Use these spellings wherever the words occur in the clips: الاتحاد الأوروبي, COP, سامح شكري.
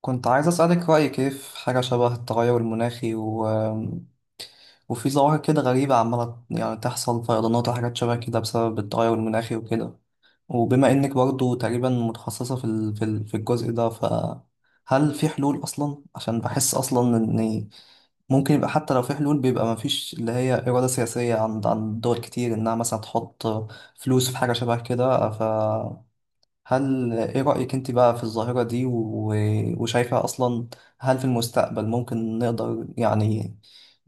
كنت عايز أسألك رأيك إيه في حاجة شبه التغير المناخي وفي ظواهر كده غريبة عمالة يعني تحصل فيضانات وحاجات شبه كده بسبب التغير المناخي وكده. وبما إنك برضو تقريبا متخصصة في الجزء ده، فهل في حلول أصلا؟ عشان بحس أصلا إن ممكن يبقى، حتى لو في حلول بيبقى مفيش اللي هي إرادة سياسية عند دول كتير إنها مثلا تحط فلوس في حاجة شبه كده. هل ايه رأيك انت بقى في الظاهرة دي وشايفة اصلا هل في المستقبل ممكن نقدر يعني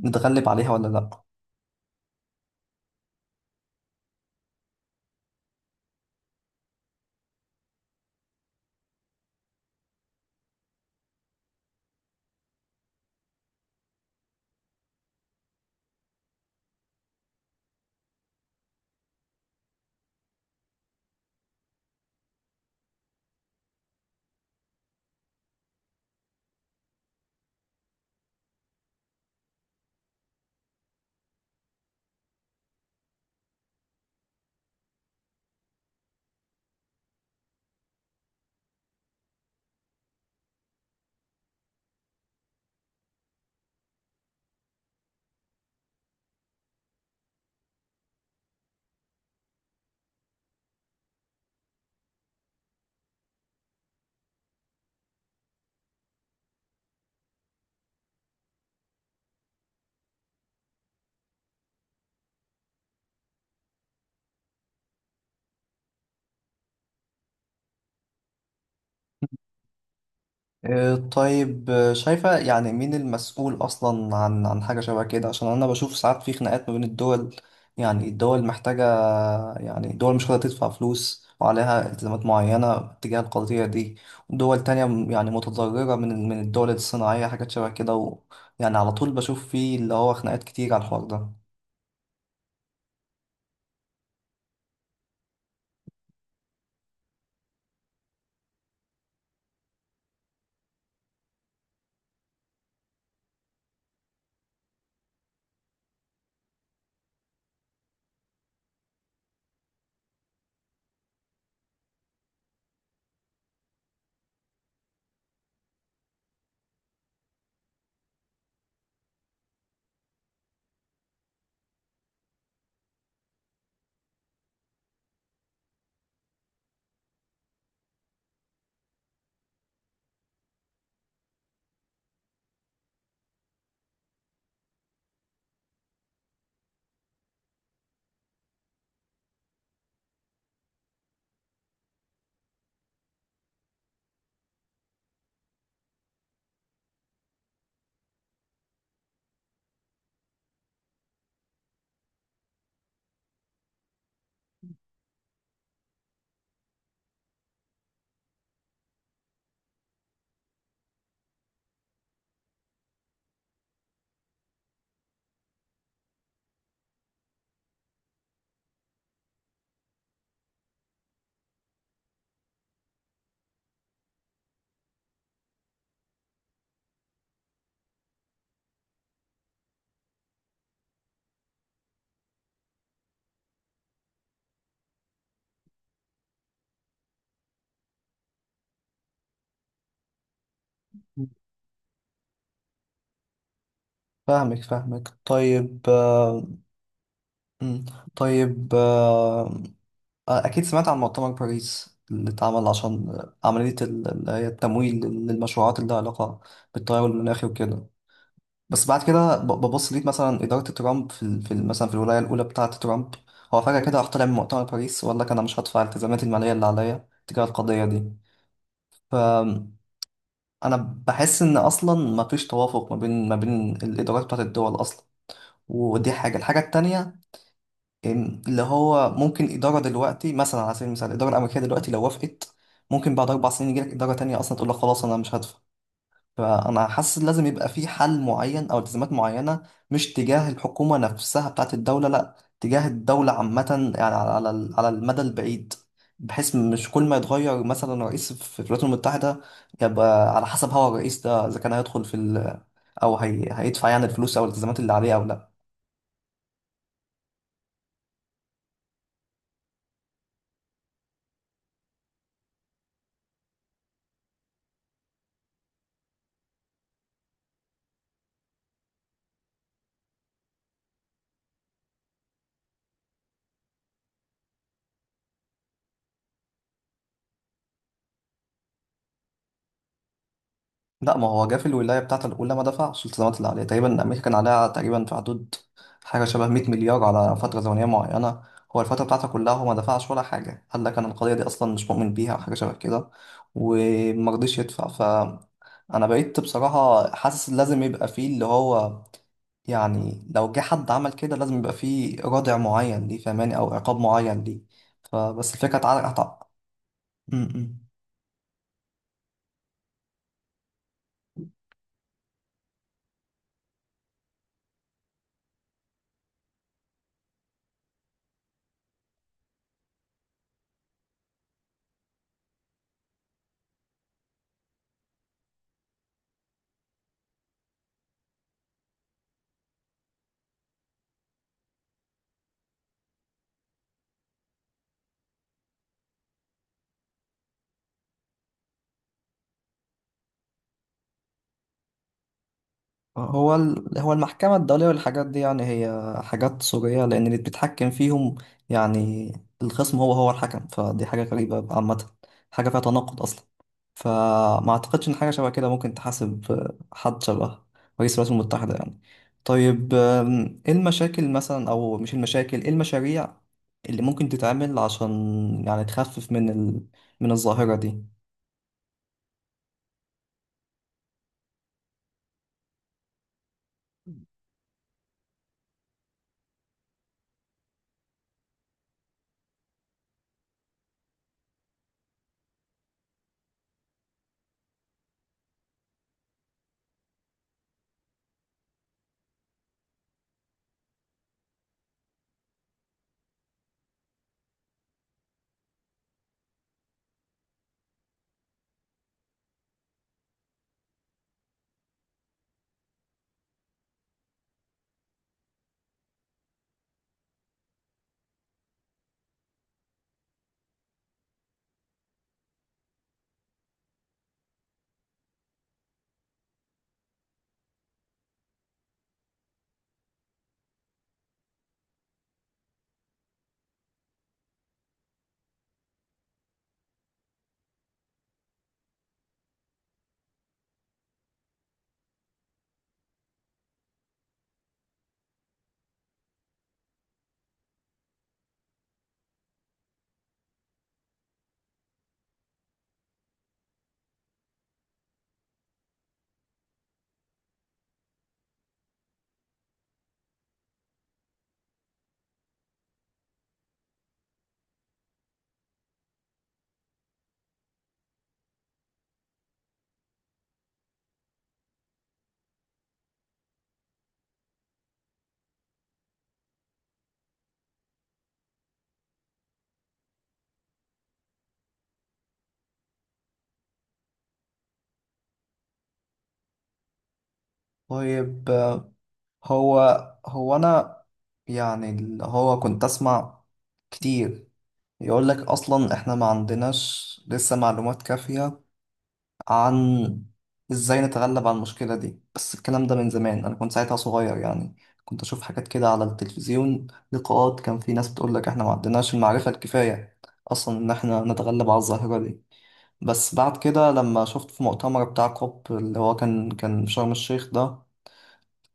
نتغلب عليها ولا لا؟ طيب. شايفة يعني مين المسؤول أصلا عن حاجة شبه كده؟ عشان أنا بشوف ساعات في خناقات ما بين الدول، يعني الدول محتاجة، يعني دول مش قادرة تدفع فلوس وعليها التزامات معينة تجاه القضية دي، ودول تانية يعني متضررة من الدول الصناعية حاجات شبه كده. ويعني على طول بشوف فيه اللي هو خناقات كتير على الحوار ده. فاهمك طيب. مم. طيب. أكيد سمعت عن مؤتمر باريس اللي اتعمل عشان عملية اللي هي التمويل للمشروعات اللي لها علاقة بالتغير المناخي وكده. بس بعد كده ببص ليك، مثلا إدارة ترامب مثلا في الولاية الأولى بتاعة ترامب، هو فجأة كده راح طلع من مؤتمر باريس وقال لك أنا مش هدفع الالتزامات المالية اللي عليا تجاه القضية دي. فأنا بحس إن أصلا مفيش توافق ما بين الإدارات بتاعة الدول أصلا. ودي حاجة، الحاجة التانية، اللي هو ممكن إدارة دلوقتي، مثلا على سبيل المثال الإدارة الأمريكية دلوقتي لو وافقت، ممكن بعد أربع سنين يجيلك إدارة تانية أصلا تقول لك خلاص أنا مش هدفع. فأنا حاسس لازم يبقى في حل معين أو التزامات معينة، مش تجاه الحكومة نفسها بتاعت الدولة، لأ، تجاه الدولة عامة. يعني على المدى البعيد، بحيث مش كل ما يتغير مثلا رئيس في الولايات المتحدة يبقى على حسب هو الرئيس ده إذا كان هيدخل في ال، هيدفع يعني الفلوس أو الالتزامات اللي عليه أو لأ. لا، ما هو جه في الولاية بتاعته الأولى ما دفعش الالتزامات اللي عليه. تقريبا أمريكا كان عليها تقريبا في حدود حاجة شبه 100 مليار على فترة زمنية معينة، هو الفترة بتاعته كلها هو ما دفعش ولا حاجة. قال لك أنا القضية دي أصلا مش مؤمن بيها أو حاجة شبه كده، وما رضيش يدفع. ف أنا بقيت بصراحة حاسس لازم يبقى فيه اللي هو، يعني لو جه حد عمل كده لازم يبقى فيه رادع معين ليه، فاهماني، أو عقاب معين ليه. فبس الفكرة تعالى م- م. هو هو المحكمة الدولية والحاجات دي يعني هي حاجات سورية، لأن اللي بيتحكم فيهم، يعني الخصم هو الحكم، فدي حاجة غريبة عامة، حاجة فيها تناقض أصلا. فما أعتقدش إن حاجة شبه كده ممكن تحاسب حد شبه رئيس الولايات المتحدة يعني. طيب، إيه المشاكل مثلا، أو مش المشاكل، إيه المشاريع اللي ممكن تتعمل عشان يعني تخفف من الظاهرة دي؟ طيب، هو هو انا يعني اللي هو كنت اسمع كتير يقول لك اصلا احنا ما عندناش لسه معلومات كافية عن ازاي نتغلب على المشكلة دي. بس الكلام ده من زمان، انا كنت ساعتها صغير يعني، كنت اشوف حاجات كده على التلفزيون، لقاءات، كان في ناس بتقول لك احنا ما عندناش المعرفة الكفاية اصلا ان احنا نتغلب على الظاهرة دي. بس بعد كده لما شفت في مؤتمر بتاع كوب اللي هو كان في شرم الشيخ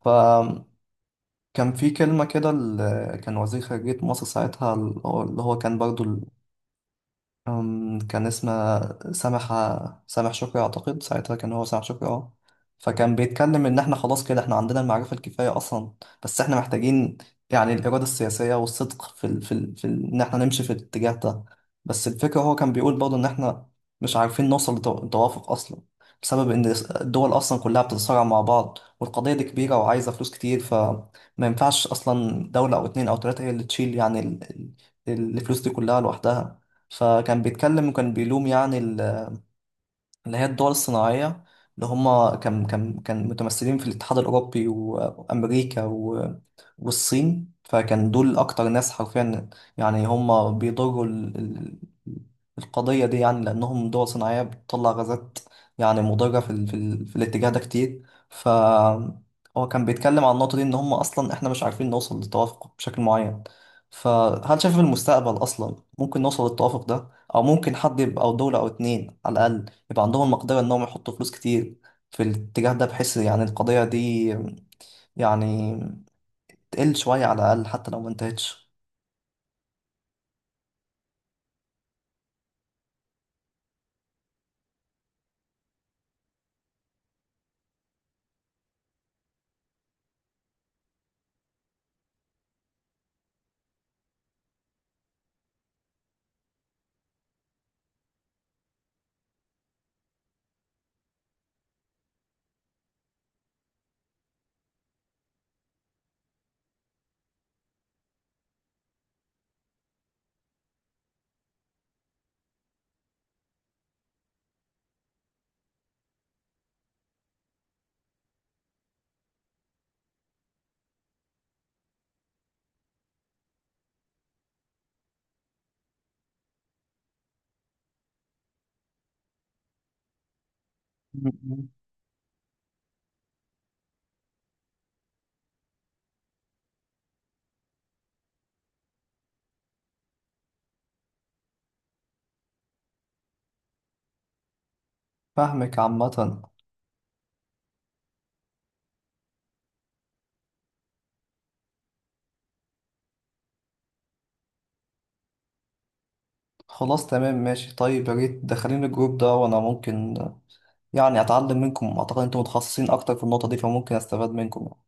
ده، كان في كلمة كده، كان وزير خارجية مصر ساعتها، اللي هو كان برضو، كان اسمه سامح سامح شكري أعتقد، ساعتها كان هو سامح شكري، اه. فكان بيتكلم إن إحنا خلاص كده إحنا عندنا المعرفة الكفاية أصلا، بس إحنا محتاجين يعني الإرادة السياسية والصدق إن إحنا نمشي في الاتجاه ده. بس الفكرة هو كان بيقول برضه إن إحنا مش عارفين نوصل لتوافق أصلا، بسبب إن الدول أصلا كلها بتتصارع مع بعض، والقضية دي كبيرة وعايزة فلوس كتير، فما ينفعش أصلا دولة أو اتنين أو تلاتة هي اللي تشيل يعني الفلوس دي كلها لوحدها. فكان بيتكلم وكان بيلوم يعني اللي هي الدول الصناعية، اللي هم كان متمثلين في الاتحاد الأوروبي وأمريكا والصين، فكان دول أكتر ناس حرفيا يعني هم بيضروا القضية دي يعني، لأنهم دول صناعية بتطلع غازات يعني مضرة في الاتجاه ده كتير. ف هو كان بيتكلم عن النقطة دي إن هم أصلا إحنا مش عارفين نوصل لتوافق بشكل معين. فهل شايف في المستقبل أصلا ممكن نوصل للتوافق ده؟ أو ممكن حد يبقى، أو دولة أو اتنين على الأقل يبقى عندهم المقدرة إنهم يحطوا فلوس كتير في الاتجاه ده، بحيث يعني القضية دي يعني تقل شوية على الأقل حتى لو ما انتهتش. مم. فاهمك عامة. خلاص، تمام، ماشي. طيب يا ريت دخلين الجروب ده، وأنا ممكن يعني أتعلم منكم، أعتقد أنتم متخصصين أكتر في النقطة دي فممكن أستفاد منكم.